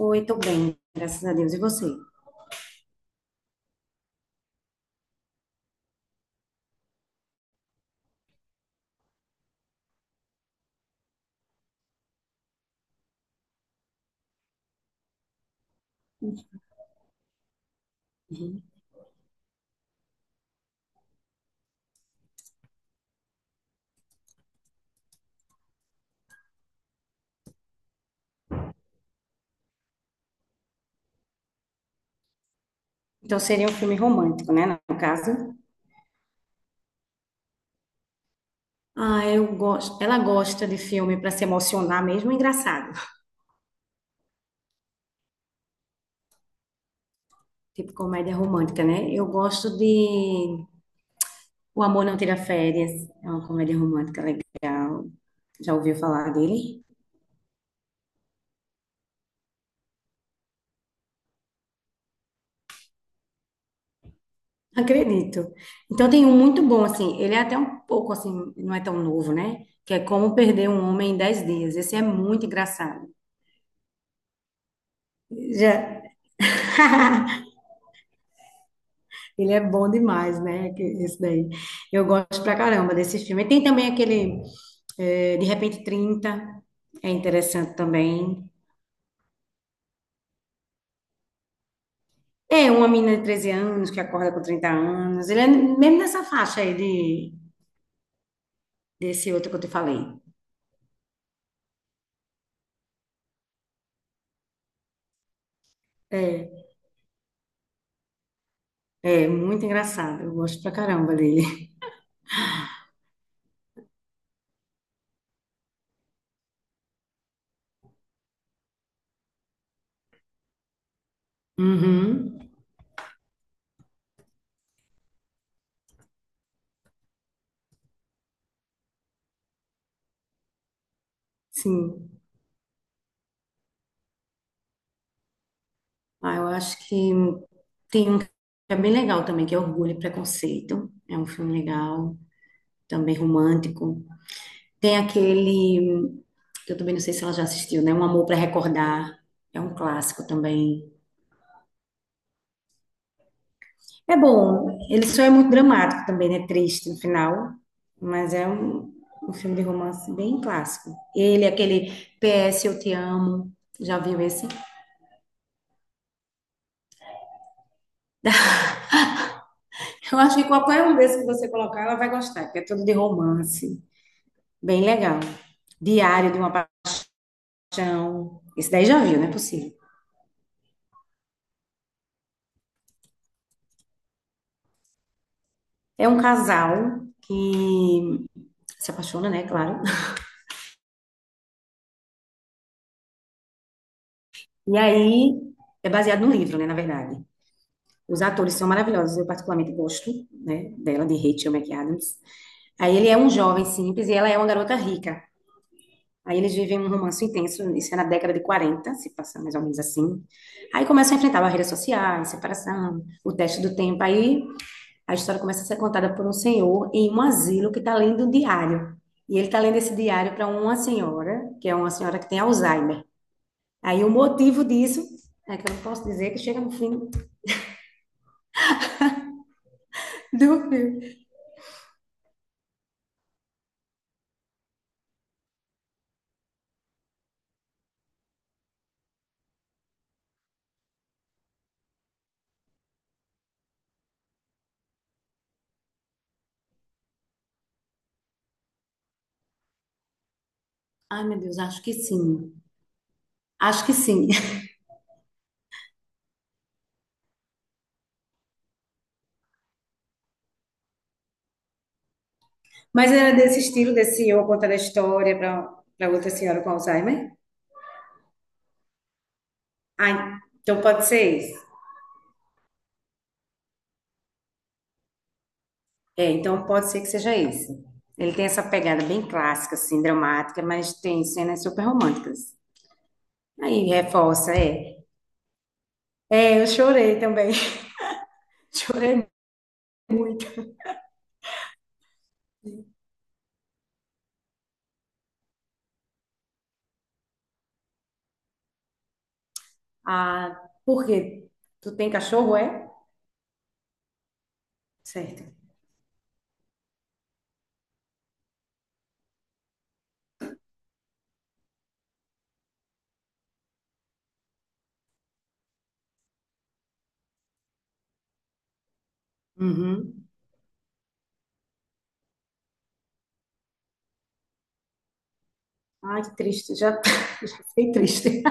Oi, tô bem, graças a Deus. E você? Uhum. Então seria um filme romântico, né, no caso? Ah, eu gosto. Ela gosta de filme para se emocionar mesmo, é engraçado. Tipo comédia romântica, né? Eu gosto de O Amor Não Tira Férias. É uma comédia romântica legal. Já ouviu falar dele? Acredito. Então tem um muito bom, assim. Ele é até um pouco, assim, não é tão novo, né? Que é Como Perder um Homem em 10 Dias. Esse é muito engraçado. Já. Ele é bom demais, né? Esse daí. Eu gosto pra caramba desse filme. E tem também aquele De Repente 30, é interessante também. É uma menina de 13 anos que acorda com 30 anos. Ele é mesmo nessa faixa aí de, desse outro que eu te falei. É, é muito engraçado. Eu gosto pra caramba dele. Uhum, sim. Ah, eu acho que tem um que é bem legal também, que é Orgulho e Preconceito. É um filme legal, também romântico. Tem aquele, que eu também não sei se ela já assistiu, né? Um Amor para Recordar. É um clássico também. É bom. Ele só é muito dramático também, né? Triste no final. Mas é um filme de romance bem clássico. Ele, aquele PS Eu Te Amo. Já viu esse? Eu acho que qualquer um desses que você colocar, ela vai gostar, porque é tudo de romance. Bem legal. Diário de uma Paixão. Esse daí já viu, não é possível. É um casal que se apaixona, né? Claro. E aí é baseado no livro, né, na verdade. Os atores são maravilhosos, eu particularmente gosto, né, dela, de Rachel McAdams. Aí ele é um jovem simples e ela é uma garota rica. Aí eles vivem um romance intenso, isso é na década de 40, se passa mais ou menos assim. Aí começam a enfrentar barreiras sociais, separação, o teste do tempo. Aí a história começa a ser contada por um senhor em um asilo que está lendo um diário. E ele está lendo esse diário para uma senhora, que é uma senhora que tem Alzheimer. Aí o motivo disso é que eu não posso dizer que chega no fim, do filme. Ai, meu Deus, acho que sim. Acho que sim. Mas era desse estilo, desse eu contando a história para outra senhora com Alzheimer? Ah, então pode ser esse. É, então pode ser que seja esse. Ele tem essa pegada bem clássica, assim, dramática, mas tem cenas super românticas. Aí reforça, é. É, eu chorei também. Chorei muito. Ah, por quê? Tu tem cachorro, é? Certo. Uhum. Ai, que triste. Já, já fiquei triste.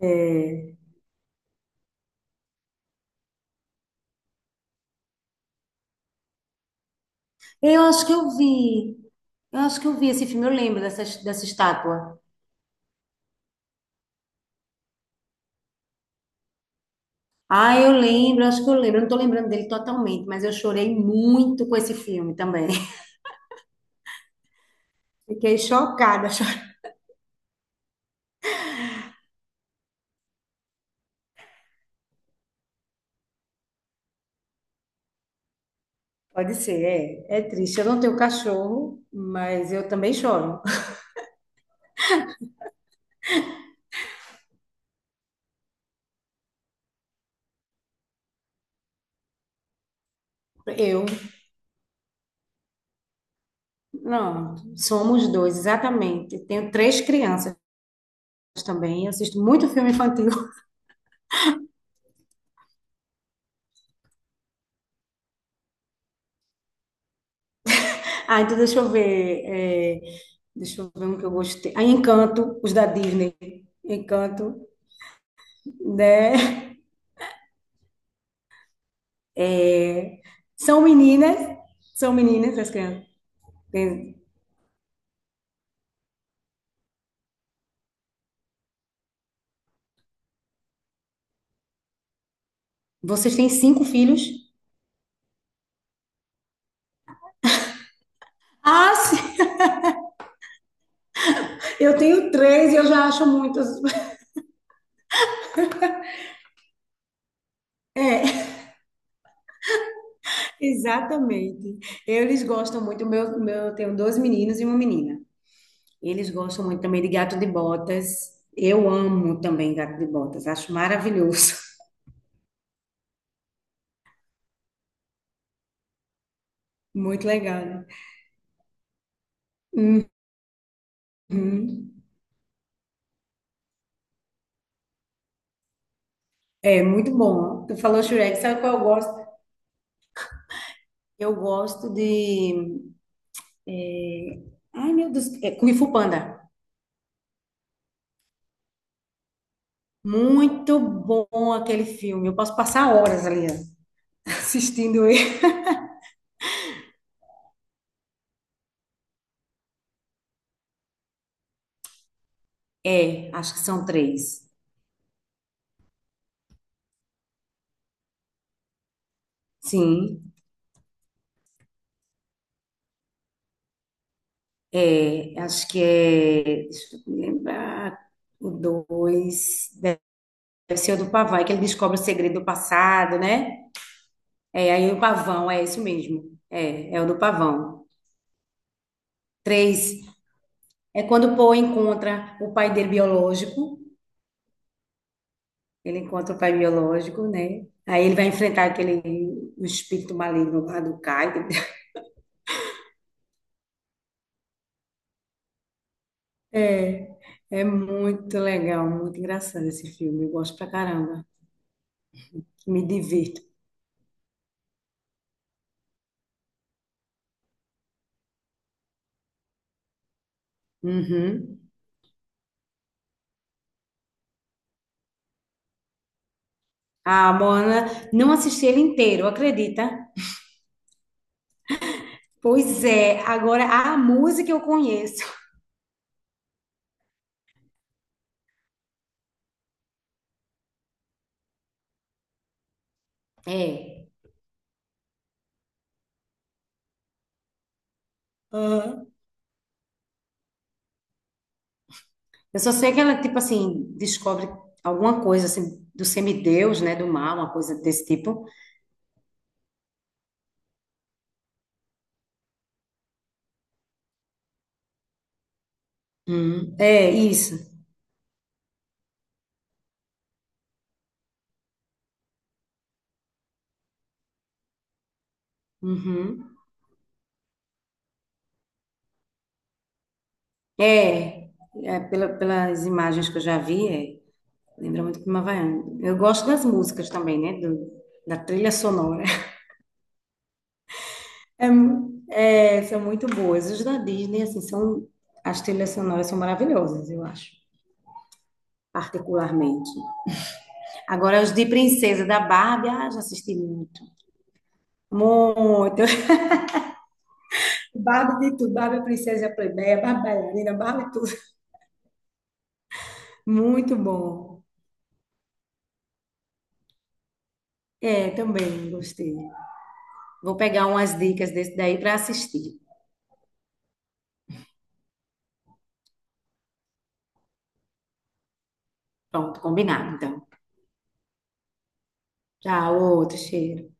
É. Eu acho que eu vi. Eu acho que eu vi esse filme, eu lembro dessa estátua. Ah, eu lembro, acho que eu lembro. Eu não tô lembrando dele totalmente, mas eu chorei muito com esse filme também. Fiquei chocada. Chorei. Pode ser, é, é triste. Eu não tenho cachorro, mas eu também choro. Eu, não, somos dois, exatamente. Tenho três crianças também. Eu assisto muito filme infantil. Ah, então deixa eu ver. Deixa eu ver um que eu gostei. Ah, Encanto, os da Disney. Encanto, né? É, são meninas, são meninas as crianças. Tem- Vocês têm cinco filhos? Ah, sim, eu tenho três e eu já acho muitas. É, exatamente. Eles gostam muito. Meu, eu tenho dois meninos e uma menina. Eles gostam muito também de gato de botas. Eu amo também gato de botas. Acho maravilhoso. Muito legal, né? Uhum. É muito bom. Tu falou Shrek, sabe qual eu gosto? Eu gosto de É, Ai, meu Deus, é Kung Fu Panda. Muito bom aquele filme. Eu posso passar horas ali ó, assistindo ele. É, acho que são três. Sim, é, acho que é. Deixa eu me lembrar. O dois. Deve ser o do pavão, é que ele descobre o segredo do passado, né? É, aí o pavão, é isso mesmo. É, é o do pavão. Três, é quando o Po encontra o pai dele biológico. Ele encontra o pai biológico, né? Aí ele vai enfrentar aquele o espírito maligno lá do Caio. É, é muito legal, muito engraçado esse filme. Eu gosto pra caramba. Me divirto. Uhum. A Moana, não assisti ele inteiro, acredita? Pois é, agora a música eu conheço. É. Aham. Eu só sei que ela, tipo assim, descobre alguma coisa assim do semideus, né? Do mal, uma coisa desse tipo. Hum. É, isso. Uhum. É, é, pelas imagens que eu já vi, é, lembra muito Clima Havaiano. Eu gosto das músicas também, né, da trilha sonora. São muito boas. Os da Disney, assim, são, as trilhas sonoras são maravilhosas, eu acho, particularmente. Agora, os de Princesa da Barbie, ah, já assisti muito. Muito. Barbie de tudo, Barbie princesa plebeia, Barbie bailarina, Barbie tudo. Muito bom. É, também gostei. Vou pegar umas dicas desse daí para assistir. Pronto, combinado, então. Tchau, outro cheiro.